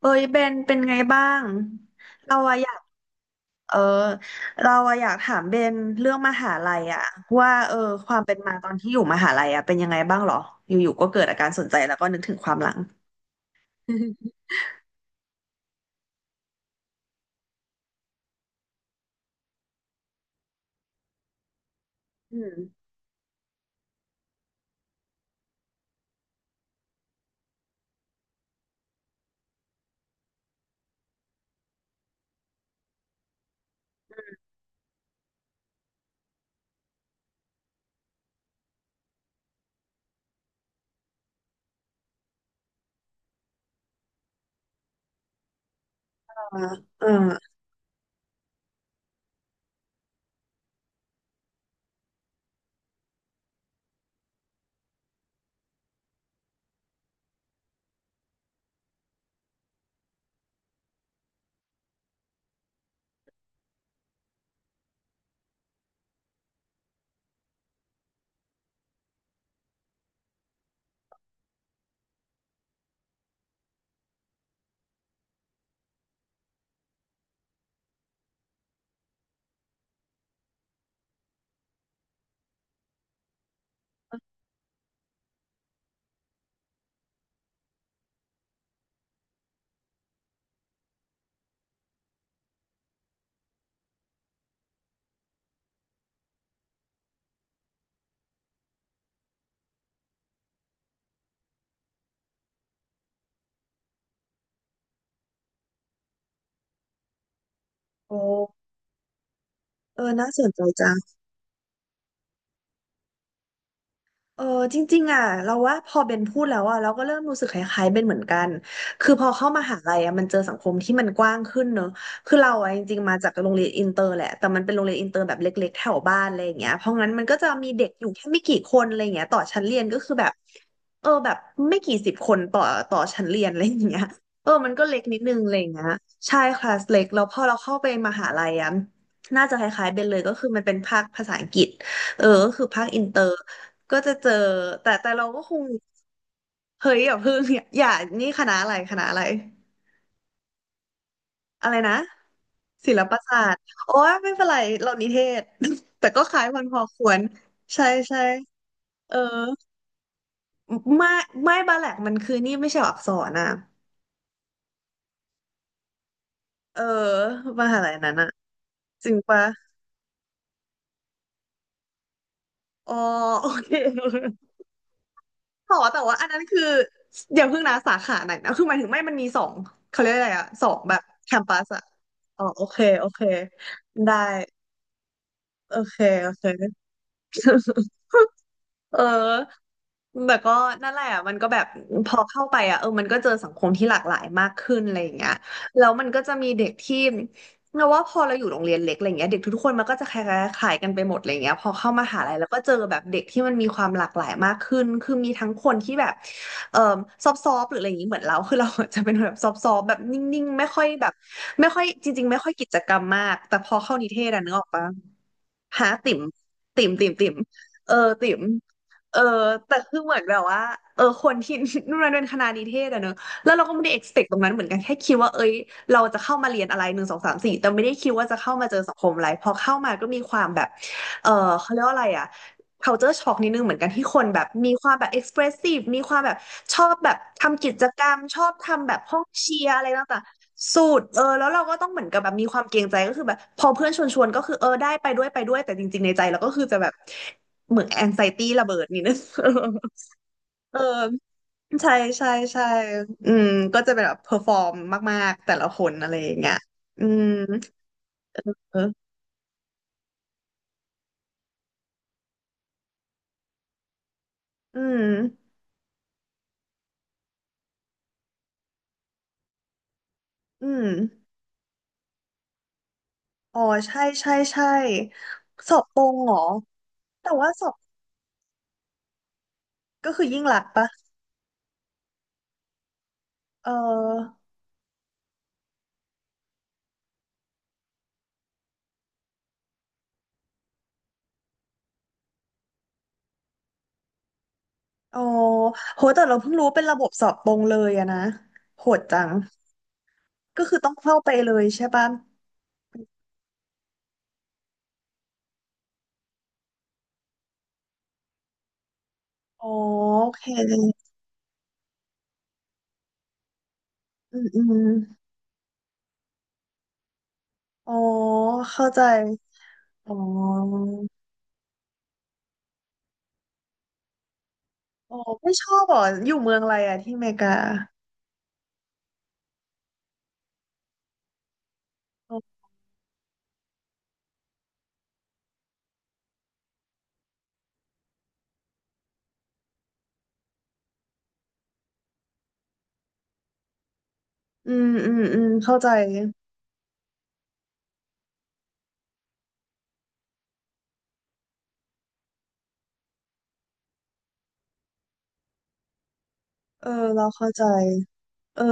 เอ้ยเบนเป็นไงบ้างเราอะอยากเออเราอะอยากถามเบนเรื่องมหาลัยอะว่าความเป็นมาตอนที่อยู่มหาลัยอะเป็นยังไงบ้างหรออยู่ๆก็เกิดอาการสนใจแล้วก็นึกถึงความหลัง อืมเออเออโอ้เออน่าสนใจจัง เออจริงๆอ่ะเราว่าพอเบนพูดแล้วอ่ะเราก็เริ่มรู้สึกคล้ายๆเบนเหมือนกันคือพอเข้ามหาลัยอ่ะมันเจอสังคมที่มันกว้างขึ้นเนอะคือเราอ่ะจริงๆมาจากโรงเรียนอินเตอร์แหละแต่มันเป็นโรงเรียนอินเตอร์แบบเล็กๆแถวบ้านอะไรอย่างเงี้ยเพราะงั้นมันก็จะมีเด็กอยู่แค่ไม่กี่คนอะไรอย่างเงี้ยต่อชั้นเรียนก็คือแบบเออแบบไม่กี่สิบคนต่อชั้นเรียนอะไรอย่างเงี้ยเออมันก็เล็กนิดนึงอะไรอย่างเงี้ยใช่คลาสเล็กแล้วพอเราเข้าไปมหาลัยอ่ะน่าจะคล้ายๆเบนเลยก็คือมันเป็นภาคภาษาอังกฤษเออก็คือภาคอินเตอร์ ก็จะเจอแต่เราก็คงเฮ้ยอย่าเพิ่ง อย่านี่คณะอะไรอะไรนะศิลปศาสตร์โอ้ยไม่เป็นไรเรานิเทศ แต่ก็คล้ายมันพอควรใช่เออไม่ไม่บาแหลกมันคือนี่ไม่ใช่อักษรนะเออมหาลัยนั้นอะจริงปะอ๋อ โอเค ขอแต่ว่าอันนั้นคืออย่าเพิ่งนะสาขาไหนนะคือหมายถึงไม่มันมีสองเขาเรียกอะไรอะสองแบบแคมปัสอะอ๋อโอเคได้โอเคโอเค เออแต่ก็นั่นแหละมันก็แบบพอเข้าไปอ่ะเออมันก็เจอสังคมที่หลากหลายมากขึ้นอะไรอย่างเงี้ยแล้วมันก็จะมีเด็กที่เราว่าพอเราอยู่โรงเรียนเล็กอะไรเงี้ยเด็กทุกๆคนมันก็จะคล้ายๆกันไปหมดอะไรเงี้ยพอเข้ามหาลัยแล้วก็เจอแบบเด็กที่มันมีความหลากหลายมากขึ้นคือมีทั้งคนที่แบบเอ่อซอฟๆหรืออะไรอย่างงี้เหมือนเราคือเราจะเป็นแบบซอฟๆแบบนิ่งๆไม่ค่อยแบบไม่ค่อยจริงๆไม่ค่อยกิจกรรมมากแต่พอเข้านิเทศอะนึกออกปะหาติ่มเออติ๋ม เออแต่คือเหมือนแบบว่าเออคนที่ นู่นนั่นเป็นคณะนิเทศอะเนอะแล้วเราก็ไม่ได้ expect ตรงนั้นเหมือนกันแค่คิดว่าเอ้ยเราจะเข้ามาเรียนอะไรหนึ่งสองสามสี่แต่ไม่ได้คิดว่าจะเข้ามาเจอสังคมอะไรพอเข้ามาก็มีความแบบเออเขาเรียกว่าอะไรอะ culture shock นิดนึงเหมือนกันที่คนแบบมีความแบบ expressive มีความแบบชอบแบบทำกิจกรรมชอบทำแบบห้องเชียร์อะไรต่างๆสูตรเออแล้วเราก็ต้องเหมือนกับแบบมีความเกรงใจก็คือแบบพอเพื่อนชวนก็คือเออได้ไปด้วยแต่จริงๆในใจเราก็คือจะแบบ เหมือนแอนไซตี้ระเบิดนี่นะ เออใช่ใช่ใช่อืมก็จะเป็นแบบเพอร์ฟอร์มมากๆแต่ละคนอะไรอย่างเงี้ยอืมเอออืมอืมอ๋อใช่สอบตรงเหรอแต่ว่าสอบก็คือยิ่งหลักษณ์ปะเอออ๋อโหแต่เราเพิ่งรู้เป็นระบบสอบตรงเลยอะนะโหดจังก็คือต้องเข้าไปเลยใช่ปะอ๋อโอเคอืมอืมอ๋อเข้าใจ อ๋ออ๋อไม่ชอบเหรอ อยู่เมืองอะไรอะที่อเมริกา อืมอืมอืมเข้าใจ เออ เราเข้าใจ เออ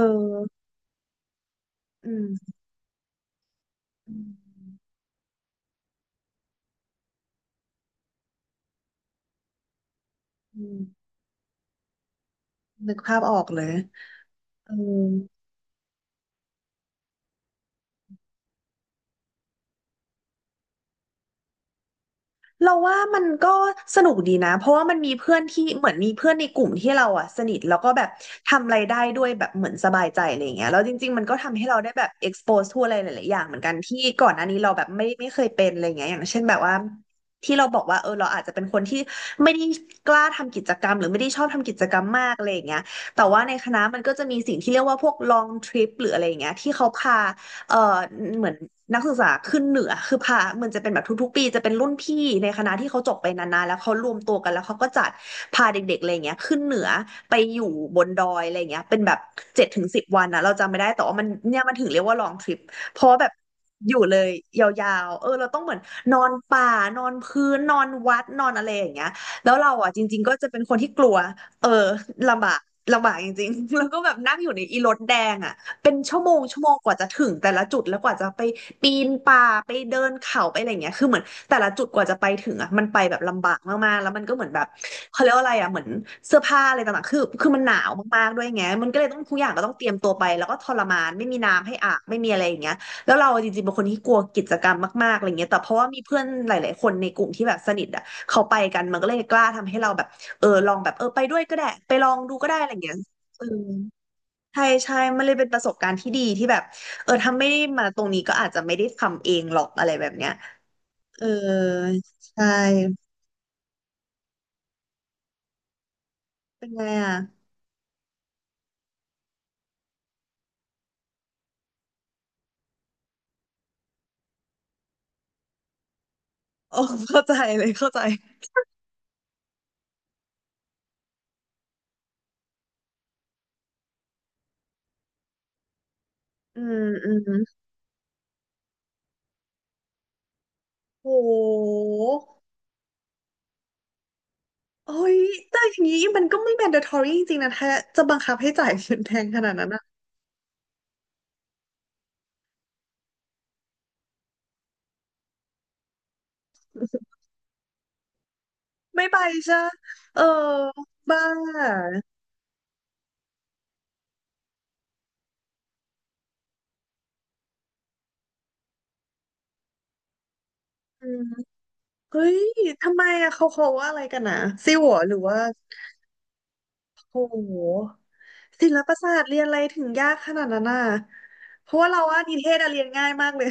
อืมอืมอืมนึกภาพออกเลยเออ เราว่ามันก็สนุกดีนะเพราะว่ามันมีเพื่อนที่เหมือนมีเพื่อนในกลุ่มที่เราอ่ะสนิทแล้วก็แบบทำอะไรได้ด้วยแบบเหมือนสบายใจอะไรอย่างเงี้ยแล้วจริงๆมันก็ทำให้เราได้แบบ expose ทั่วอะไรหลายๆอย่างเหมือนกันที่ก่อนหน้านี้เราแบบไม่เคยเป็นอะไรอย่างเงี้ยอย่างเช่นแบบว่าที่เราบอกว่าเออเราอาจจะเป็นคนที่ไม่ได้กล้าทำกิจกรรมหรือไม่ได้ชอบทำกิจกรรมมากอะไรอย่างเงี้ยแต่ว่าในคณะมันก็จะมีสิ่งที่เรียกว่าพวก long trip หรืออะไรอย่างเงี้ยที่เขาพา เอ่อเหมือนนักศึกษาขึ้นเหนือคือพามันจะเป็นแบบทุกๆปีจะเป็นรุ่นพี่ในคณะที่เขาจบไปนานๆแล้วเขารวมตัวกันแล้วเขาก็จัดพาเด็กๆอะไรเงี้ยขึ้นเหนือไปอยู่บนดอยอะไรเงี้ยเป็นแบบ7-10 วันนะเราจำไม่ได้แต่ว่ามันเนี่ยมันถึงเรียกว่าลองทริปเพราะว่าแบบอยู่เลยยาวๆเออเราต้องเหมือนนอนป่านอนพื้นนอนวัดนอนอะไรอย่างเงี้ยแล้วเราอ่ะจริงๆก็จะเป็นคนที่กลัวเออลำบากลำบากจริงๆ แล้วก็แบบนั่งอยู่ในอีรถแดงอ่ะ เป็นชั่วโมงชั่วโมงกว่าจะถึงแต่ละจุดแล้วกว่าจะไปปีนป่าไปเดินเขาไปอะไรอย่างเงี้ยคือเหมือนแต่ละจุดกว่าจะไปถึงอ่ะมันไปแบบลำบากมากๆแล้วมันก็เหมือนแบบเขาเรียกว่าอะไรอ่ะเหมือนเสื้อผ้าอะไรต่างๆคือมันหนาวมากๆด้วยไงมันก็เลยต้องทุกอย่างก็ต้องเตรียมตัวไปแล้วก็ทรมานไม่มีน้ำให้อาบไม่มีอะไรอย่างเงี้ยแล้วเราจริงๆเป็นคนที่กลัวกิจกรรมมากๆอะไรเงี้ยแต่เพราะว่ามีเพื่อนหลายๆคนในกลุ่มที่แบบสนิทอ่ะเขาไปกันมันก็เลยกล้าทำให้เราแบบเออลองแบบเออไปด้วยก็ได้ไปลองดูก็ได้อะไรอย่างเงี้ยเออ ใช่ใช่ มันเลยเป็นประสบการณ์ที่ดีที่แบบเออถ้าไม่ได้มาตรงนี้ก็อาจจะไม่ได้ทำเองหรอกอะไรแบบเนี้ยเออใช่เป็นไงอ่ะโอ้เข้าใจเลยเข้าใจ อืมอืมโหโอ้ยแต่อย่างนี้มันก็ไม่ mandatory จริงๆนะถ้าจะบังคับให้จ่ายเงินแพงขนาดนั้นอะไม่ไปใช่ปะเออบ้าอืมเฮ้ยทำไมอะเขาว่าอะไรกันนะซิวเหรอหรือว่า โหศิลปศาสตร์เรียนอะไรถึงยากขนาดนั้นน่ะเพราะว่าเราว่านิเทศอะเรียนง่ายมากเลย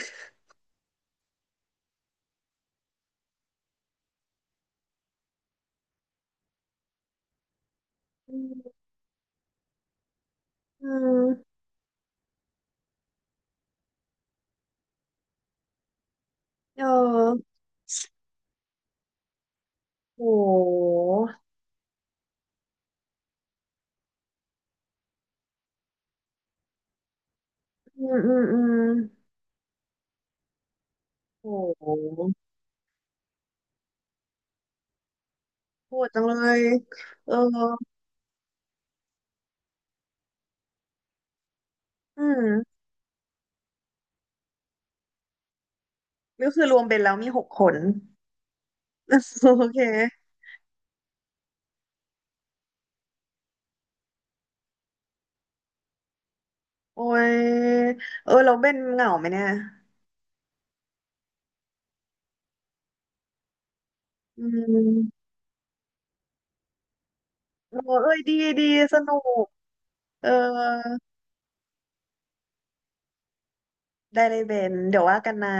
อืมอืมเออโหอืมอืมอืมโหโหดจังเลยเอออืมก็คือรวมเป็นแล้วมีหกคน โอเคโอ้ยเออเราเป็นเหงาไหมเนี่ยอืมโอ้เอ้ยดีดีสนุกเออได้เลยเบนเดี๋ยวว่ากันนะ